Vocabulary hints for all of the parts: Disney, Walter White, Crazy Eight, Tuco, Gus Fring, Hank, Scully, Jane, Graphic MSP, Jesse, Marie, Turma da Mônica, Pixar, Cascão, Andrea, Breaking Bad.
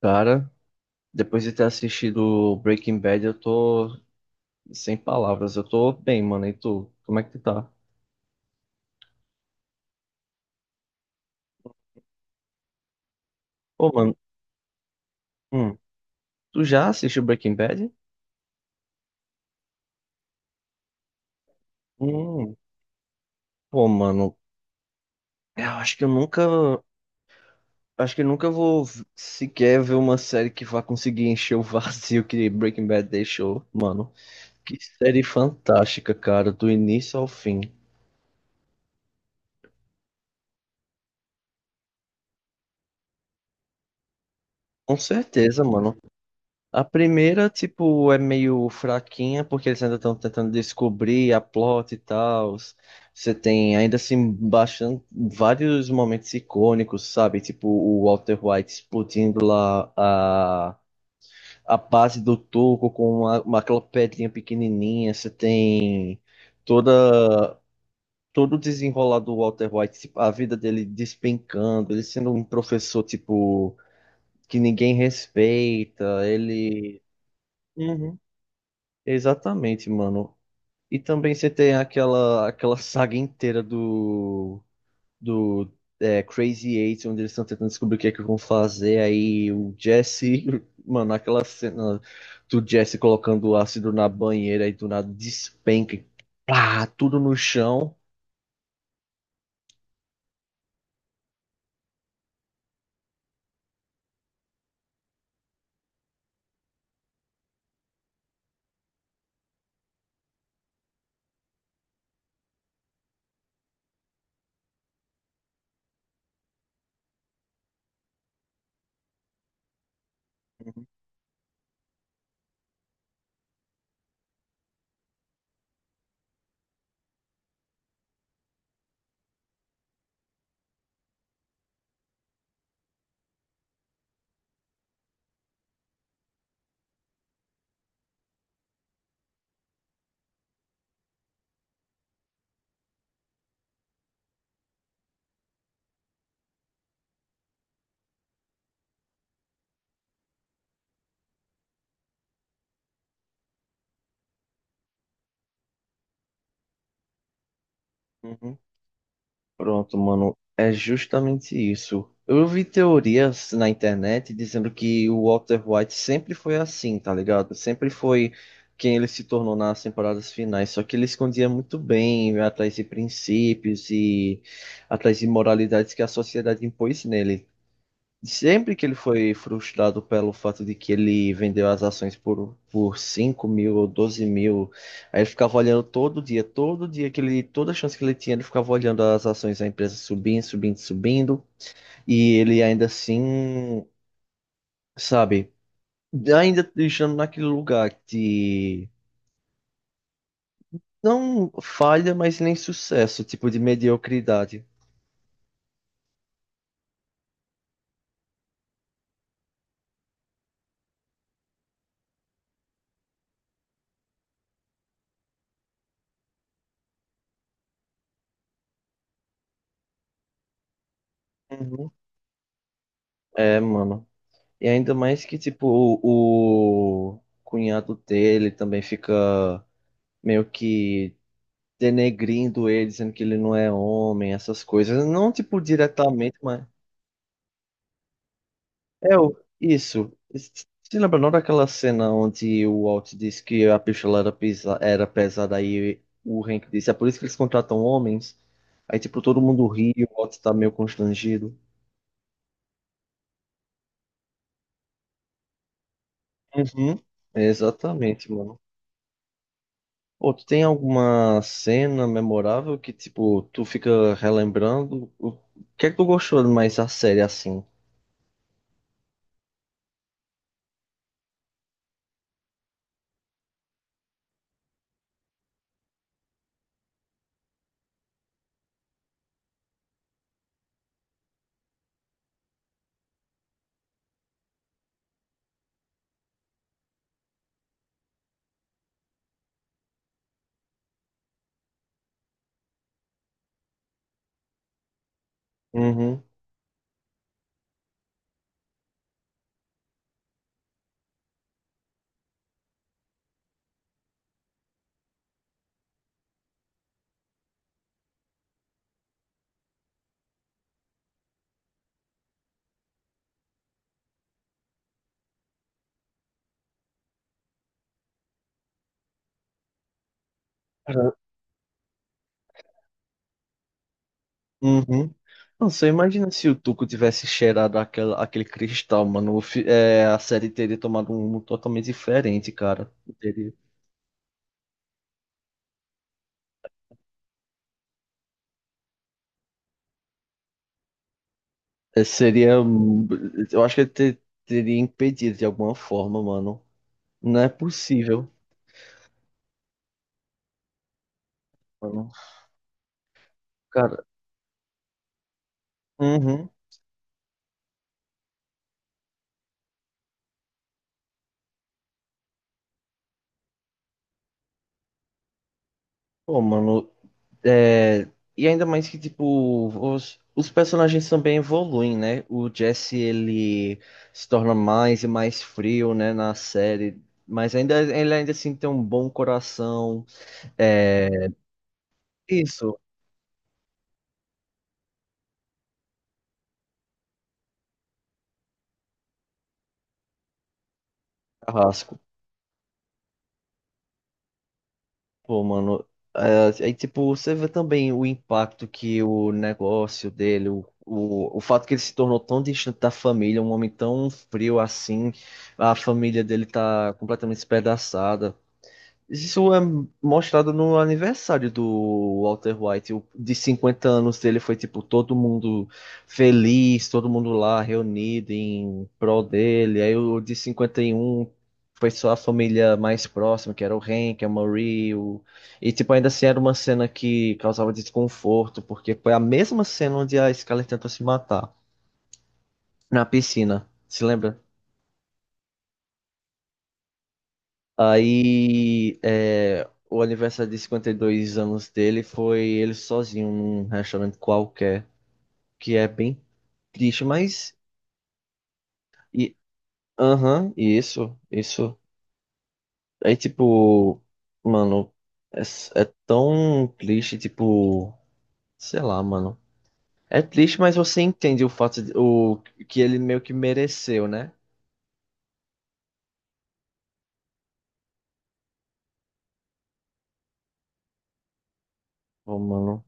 Cara, depois de ter assistido Breaking Bad, eu tô sem palavras. Eu tô bem, mano. E tu? Como é que tu tá? Pô, mano, hum, tu já assistiu Breaking Bad? Hum, pô, mano, é, eu acho que eu nunca, acho que eu nunca sequer ver uma série que vá conseguir encher o vazio que Breaking Bad deixou, mano. Que série fantástica, cara, do início ao fim. Com certeza, mano. A primeira, tipo, é meio fraquinha, porque eles ainda estão tentando descobrir a plot e tal. Você tem ainda assim bastante, vários momentos icônicos, sabe? Tipo, o Walter White explodindo lá a base do Tuco com uma aquela pedrinha pequenininha. Você tem toda, todo o desenrolar do Walter White, tipo, a vida dele despencando, ele sendo um professor, tipo, que ninguém respeita, ele. Uhum. Exatamente, mano. E também você tem aquela saga inteira do Crazy Eight, onde eles estão tentando descobrir o que é que vão fazer. Aí o Jesse, mano, aquela cena do Jesse colocando o ácido na banheira e do nada despenca, e pá, tudo no chão. Uhum, uhum. Pronto, mano, é justamente isso. Eu vi teorias na internet dizendo que o Walter White sempre foi assim, tá ligado? Sempre foi quem ele se tornou nas temporadas finais, só que ele escondia muito bem atrás de princípios e atrás de moralidades que a sociedade impôs nele. Sempre que ele foi frustrado pelo fato de que ele vendeu as ações por 5.000 ou 12.000, aí ele ficava olhando todo dia que ele, toda chance que ele tinha, ele ficava olhando as ações da empresa subindo, subindo, subindo, e ele ainda assim, sabe, ainda deixando naquele lugar de não falha, mas nem sucesso, tipo de mediocridade. Uhum. É, mano. E ainda mais que, tipo, o cunhado dele também fica meio que denegrindo ele, dizendo que ele não é homem, essas coisas. Não, tipo, diretamente, mas. É, isso. Você lembra não daquela cena onde o Walt disse que a pistola era pesada, aí o Hank disse, é por isso que eles contratam homens? Aí, tipo, todo mundo ri, o Walt tá meio constrangido. Uhum. Exatamente, mano. Ou tu tem alguma cena memorável que, tipo, tu fica relembrando? O que é que tu gostou mais da série assim? Uhum. Cara, uhum. Não, você imagina se o Tuco tivesse cheirado aquele cristal, mano. A série teria tomado um rumo totalmente diferente, cara. Teria, seria. Eu acho que ele teria impedido de alguma forma, mano. Não é possível, mano. Cara, uhum. Pô, mano, é, e ainda mais que, tipo, os personagens também evoluem, né? O Jesse, ele se torna mais e mais frio, né, na série. Mas ainda, ele ainda assim tem um bom coração. É, isso, Carrasco. Pô, mano. É, aí, tipo, você vê também o impacto que o negócio dele, o fato que ele se tornou tão distante da família, um homem tão frio assim, a família dele tá completamente despedaçada. Isso é mostrado no aniversário do Walter White, de 50 anos dele foi tipo todo mundo feliz, todo mundo lá reunido em prol dele. Aí o de 51 foi só a família mais próxima, que era o Hank, a Marie, o... e tipo ainda assim era uma cena que causava desconforto, porque foi a mesma cena onde a Scully tentou se matar na piscina. Se lembra? Aí, o aniversário de 52 anos dele foi ele sozinho num restaurante qualquer, que é bem triste, mas. E, aham, e isso, isso. Aí, tipo, mano, é tão triste, tipo, sei lá, mano. É triste, mas você entende o fato de, o, que ele meio que mereceu, né? Ô, mano.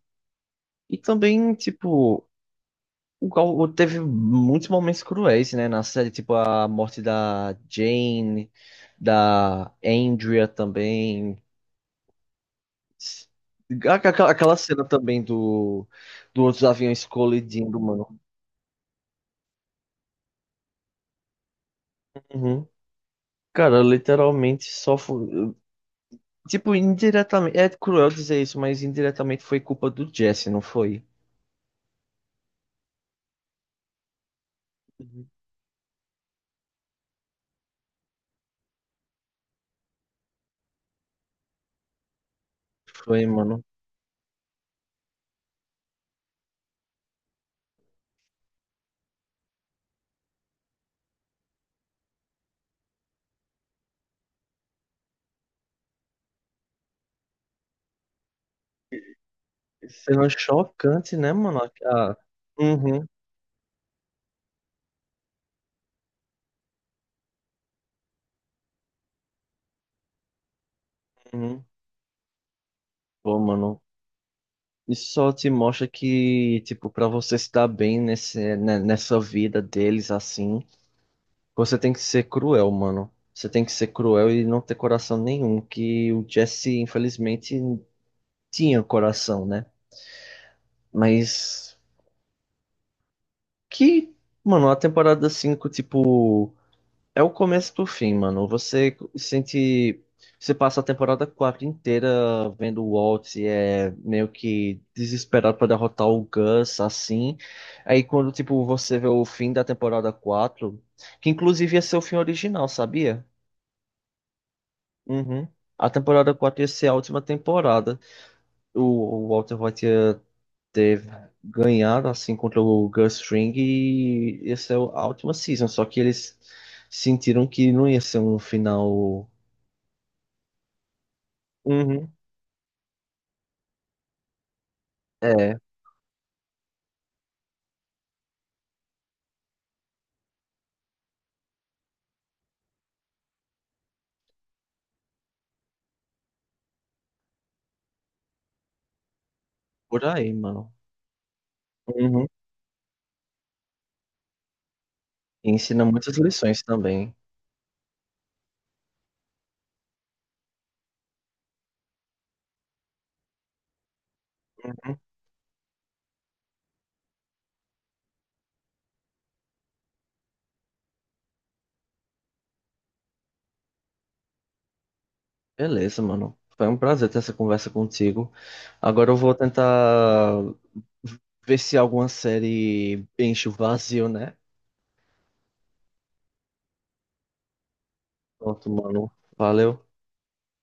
E também, tipo. O Gal teve muitos momentos cruéis, né, na série, tipo a morte da Jane, da Andrea também. Aquela cena também do outros aviões colidindo, mano. Uhum. Cara, literalmente só foi. Tipo, indiretamente. É cruel dizer isso, mas indiretamente foi culpa do Jesse, não foi? Uhum. Foi, mano. Cena chocante, né, mano? Uhum, uhum. Pô, mano. Isso só te mostra que, tipo, para você se dar bem nesse, né, nessa vida deles assim, você tem que ser cruel, mano. Você tem que ser cruel e não ter coração nenhum, que o Jesse, infelizmente, tinha coração, né? Mas que, mano, a temporada 5 tipo. É o começo do fim, mano. Você sente. Você passa a temporada 4 inteira vendo o Walt é meio que desesperado pra derrotar o Gus, assim. Aí quando, tipo, você vê o fim da temporada 4, que inclusive ia ser o fim original, sabia? Uhum. A temporada 4 ia ser a última temporada. O Walter White ia ter ganhado, assim, contra o Gus Fring e ia ser a última season. Só que eles sentiram que não ia ser um final. Uhum. É, por aí, mano. Uhum. E ensina muitas lições também. Uhum. Beleza, mano. Foi um prazer ter essa conversa contigo. Agora eu vou tentar ver se alguma série enche o vazio, né? Pronto, mano. Valeu.